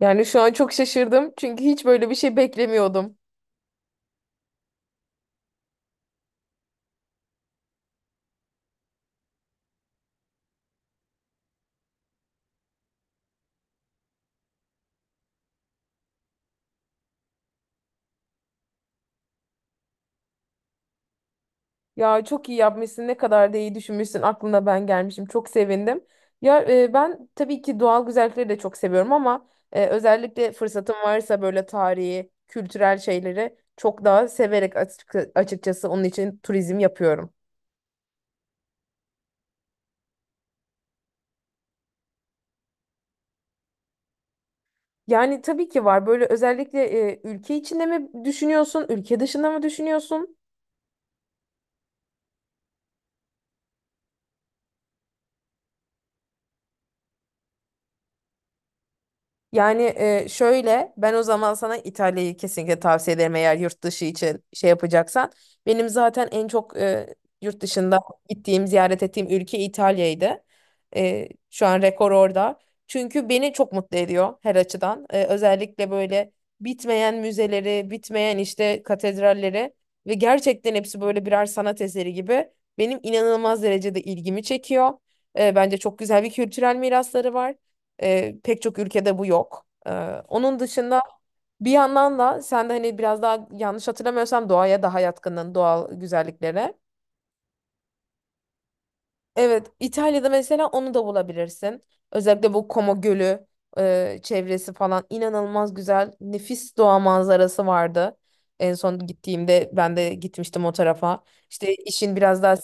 Yani şu an çok şaşırdım çünkü hiç böyle bir şey beklemiyordum. Ya çok iyi yapmışsın, ne kadar da iyi düşünmüşsün. Aklına ben gelmişim. Çok sevindim. Ya ben tabii ki doğal güzellikleri de çok seviyorum ama özellikle fırsatım varsa böyle tarihi, kültürel şeyleri çok daha severek açıkçası onun için turizm yapıyorum. Yani tabii ki var. Böyle özellikle ülke içinde mi düşünüyorsun, ülke dışında mı düşünüyorsun? Yani şöyle ben o zaman sana İtalya'yı kesinlikle tavsiye ederim eğer yurt dışı için şey yapacaksan. Benim zaten en çok yurt dışında gittiğim, ziyaret ettiğim ülke İtalya'ydı. Şu an rekor orada. Çünkü beni çok mutlu ediyor her açıdan. Özellikle böyle bitmeyen müzeleri, bitmeyen işte katedralleri ve gerçekten hepsi böyle birer sanat eseri gibi benim inanılmaz derecede ilgimi çekiyor. Bence çok güzel bir kültürel mirasları var. Pek çok ülkede bu yok. Onun dışında bir yandan da sen de hani biraz daha yanlış hatırlamıyorsam doğaya daha yatkının doğal güzelliklere. Evet, İtalya'da mesela onu da bulabilirsin. Özellikle bu Como Gölü çevresi falan inanılmaz güzel, nefis doğa manzarası vardı. En son gittiğimde ben de gitmiştim o tarafa. İşte işin biraz daha.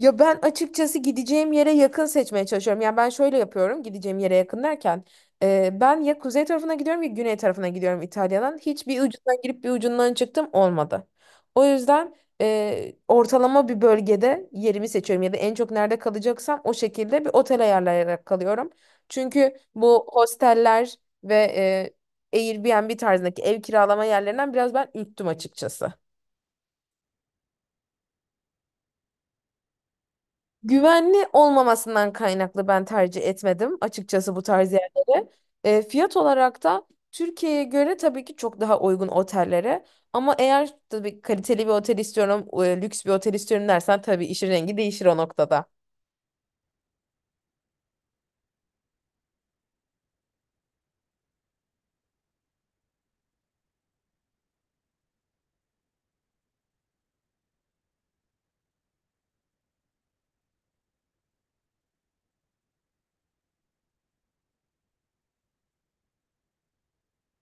Ya ben açıkçası gideceğim yere yakın seçmeye çalışıyorum. Yani ben şöyle yapıyorum, gideceğim yere yakın derken ben ya kuzey tarafına gidiyorum ya güney tarafına gidiyorum İtalya'dan. Hiçbir ucundan girip bir ucundan çıktım olmadı. O yüzden ortalama bir bölgede yerimi seçiyorum. Ya da en çok nerede kalacaksam o şekilde bir otel ayarlayarak kalıyorum. Çünkü bu hosteller ve Airbnb tarzındaki ev kiralama yerlerinden biraz ben ürktüm açıkçası. Güvenli olmamasından kaynaklı ben tercih etmedim açıkçası bu tarz yerleri. Fiyat olarak da Türkiye'ye göre tabii ki çok daha uygun otellere. Ama eğer tabii kaliteli bir otel istiyorum, lüks bir otel istiyorum dersen tabii işin rengi değişir o noktada.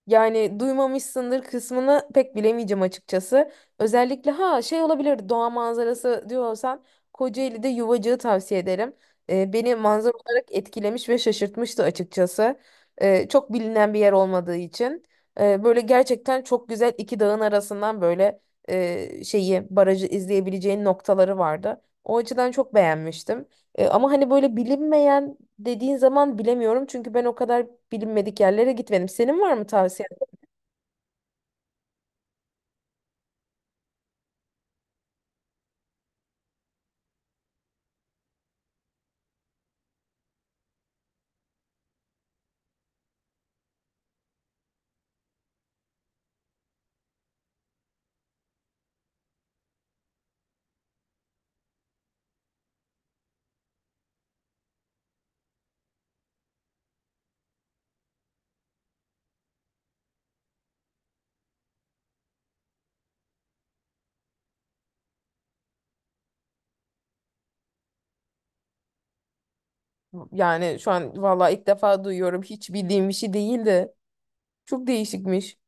Yani duymamışsındır kısmını pek bilemeyeceğim açıkçası. Özellikle ha şey olabilir, doğa manzarası diyorsan Kocaeli'de Yuvacık'ı tavsiye ederim. Beni manzara olarak etkilemiş ve şaşırtmıştı açıkçası. Çok bilinen bir yer olmadığı için. Böyle gerçekten çok güzel iki dağın arasından böyle şeyi barajı izleyebileceğin noktaları vardı. O açıdan çok beğenmiştim. Ama hani böyle bilinmeyen dediğin zaman bilemiyorum. Çünkü ben o kadar bilinmedik yerlere gitmedim. Senin var mı tavsiyen? Yani şu an valla ilk defa duyuyorum. Hiç bildiğim bir şey değildi. Çok değişikmiş.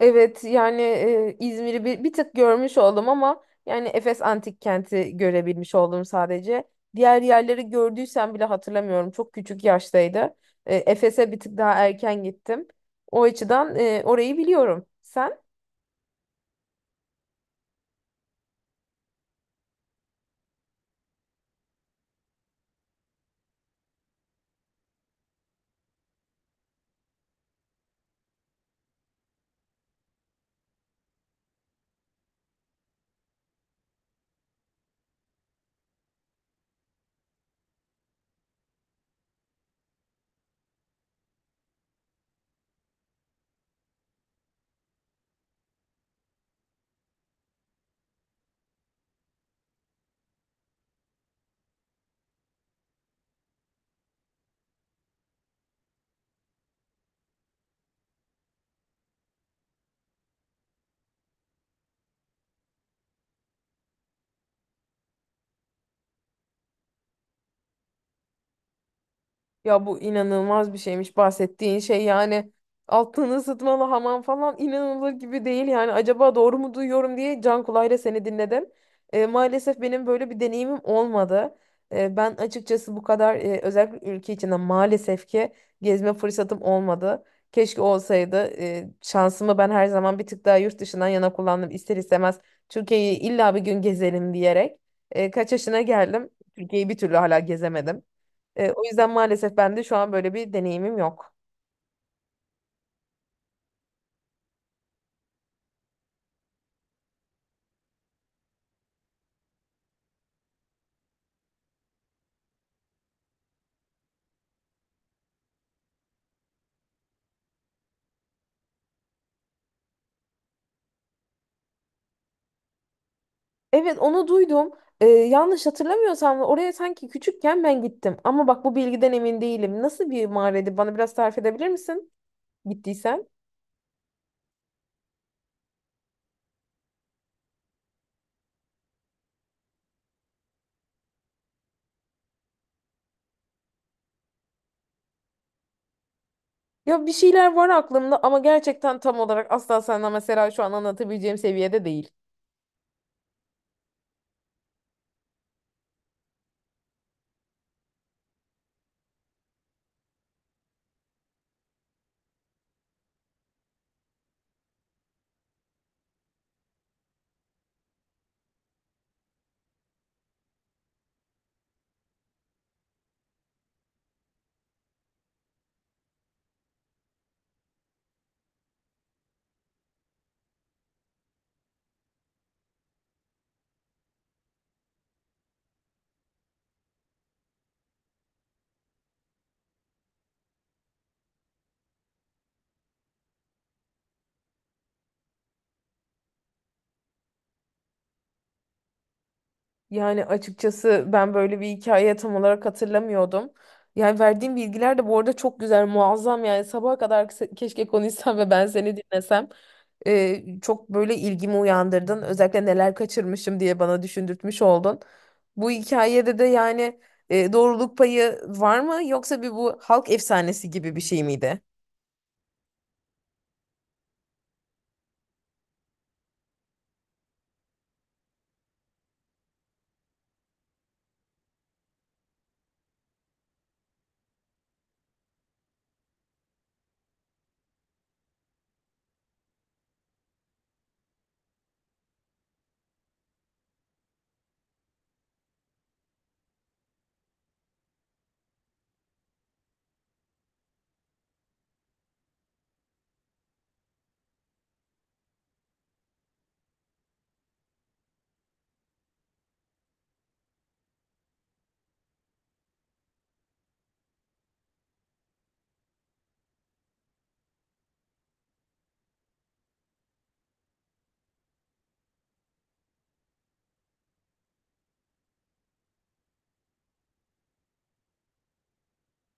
Evet, yani İzmir'i bir tık görmüş oldum ama yani Efes Antik Kenti görebilmiş oldum sadece. Diğer yerleri gördüysem bile hatırlamıyorum. Çok küçük yaştaydı. Efes'e bir tık daha erken gittim. O açıdan orayı biliyorum. Sen? Ya bu inanılmaz bir şeymiş bahsettiğin şey, yani altını ısıtmalı hamam falan inanılır gibi değil yani, acaba doğru mu duyuyorum diye can kulağıyla seni dinledim. Maalesef benim böyle bir deneyimim olmadı. Ben açıkçası bu kadar özellikle ülke içinde maalesef ki gezme fırsatım olmadı. Keşke olsaydı. Şansımı ben her zaman bir tık daha yurt dışından yana kullandım ister istemez, Türkiye'yi illa bir gün gezelim diyerek. Kaç yaşına geldim, Türkiye'yi bir türlü hala gezemedim. O yüzden maalesef ben de şu an böyle bir deneyimim yok. Evet, onu duydum. Yanlış hatırlamıyorsam da oraya sanki küçükken ben gittim. Ama bak, bu bilgiden emin değilim. Nasıl bir mağaraydı? Bana biraz tarif edebilir misin? Gittiysen. Ya bir şeyler var aklımda ama gerçekten tam olarak asla sana mesela şu an anlatabileceğim seviyede değil. Yani açıkçası ben böyle bir hikaye tam olarak hatırlamıyordum. Yani verdiğim bilgiler de bu arada çok güzel, muazzam, yani sabaha kadar keşke konuşsam ve ben seni dinlesem. Çok böyle ilgimi uyandırdın. Özellikle neler kaçırmışım diye bana düşündürtmüş oldun. Bu hikayede de yani doğruluk payı var mı, yoksa bir bu halk efsanesi gibi bir şey miydi?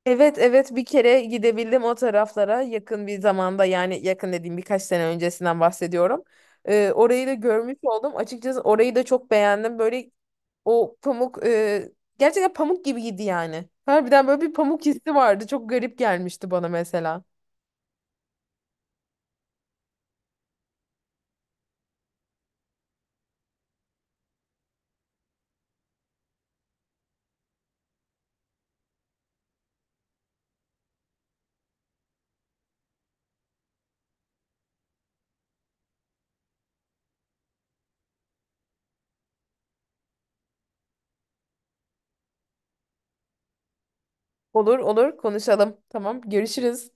Evet, evet, bir kere gidebildim o taraflara yakın bir zamanda, yani yakın dediğim birkaç sene öncesinden bahsediyorum. Orayı da görmüş oldum. Açıkçası orayı da çok beğendim. Böyle o pamuk gerçekten pamuk gibiydi yani. Harbiden böyle bir pamuk hissi vardı. Çok garip gelmişti bana mesela. Olur olur konuşalım. Tamam, görüşürüz.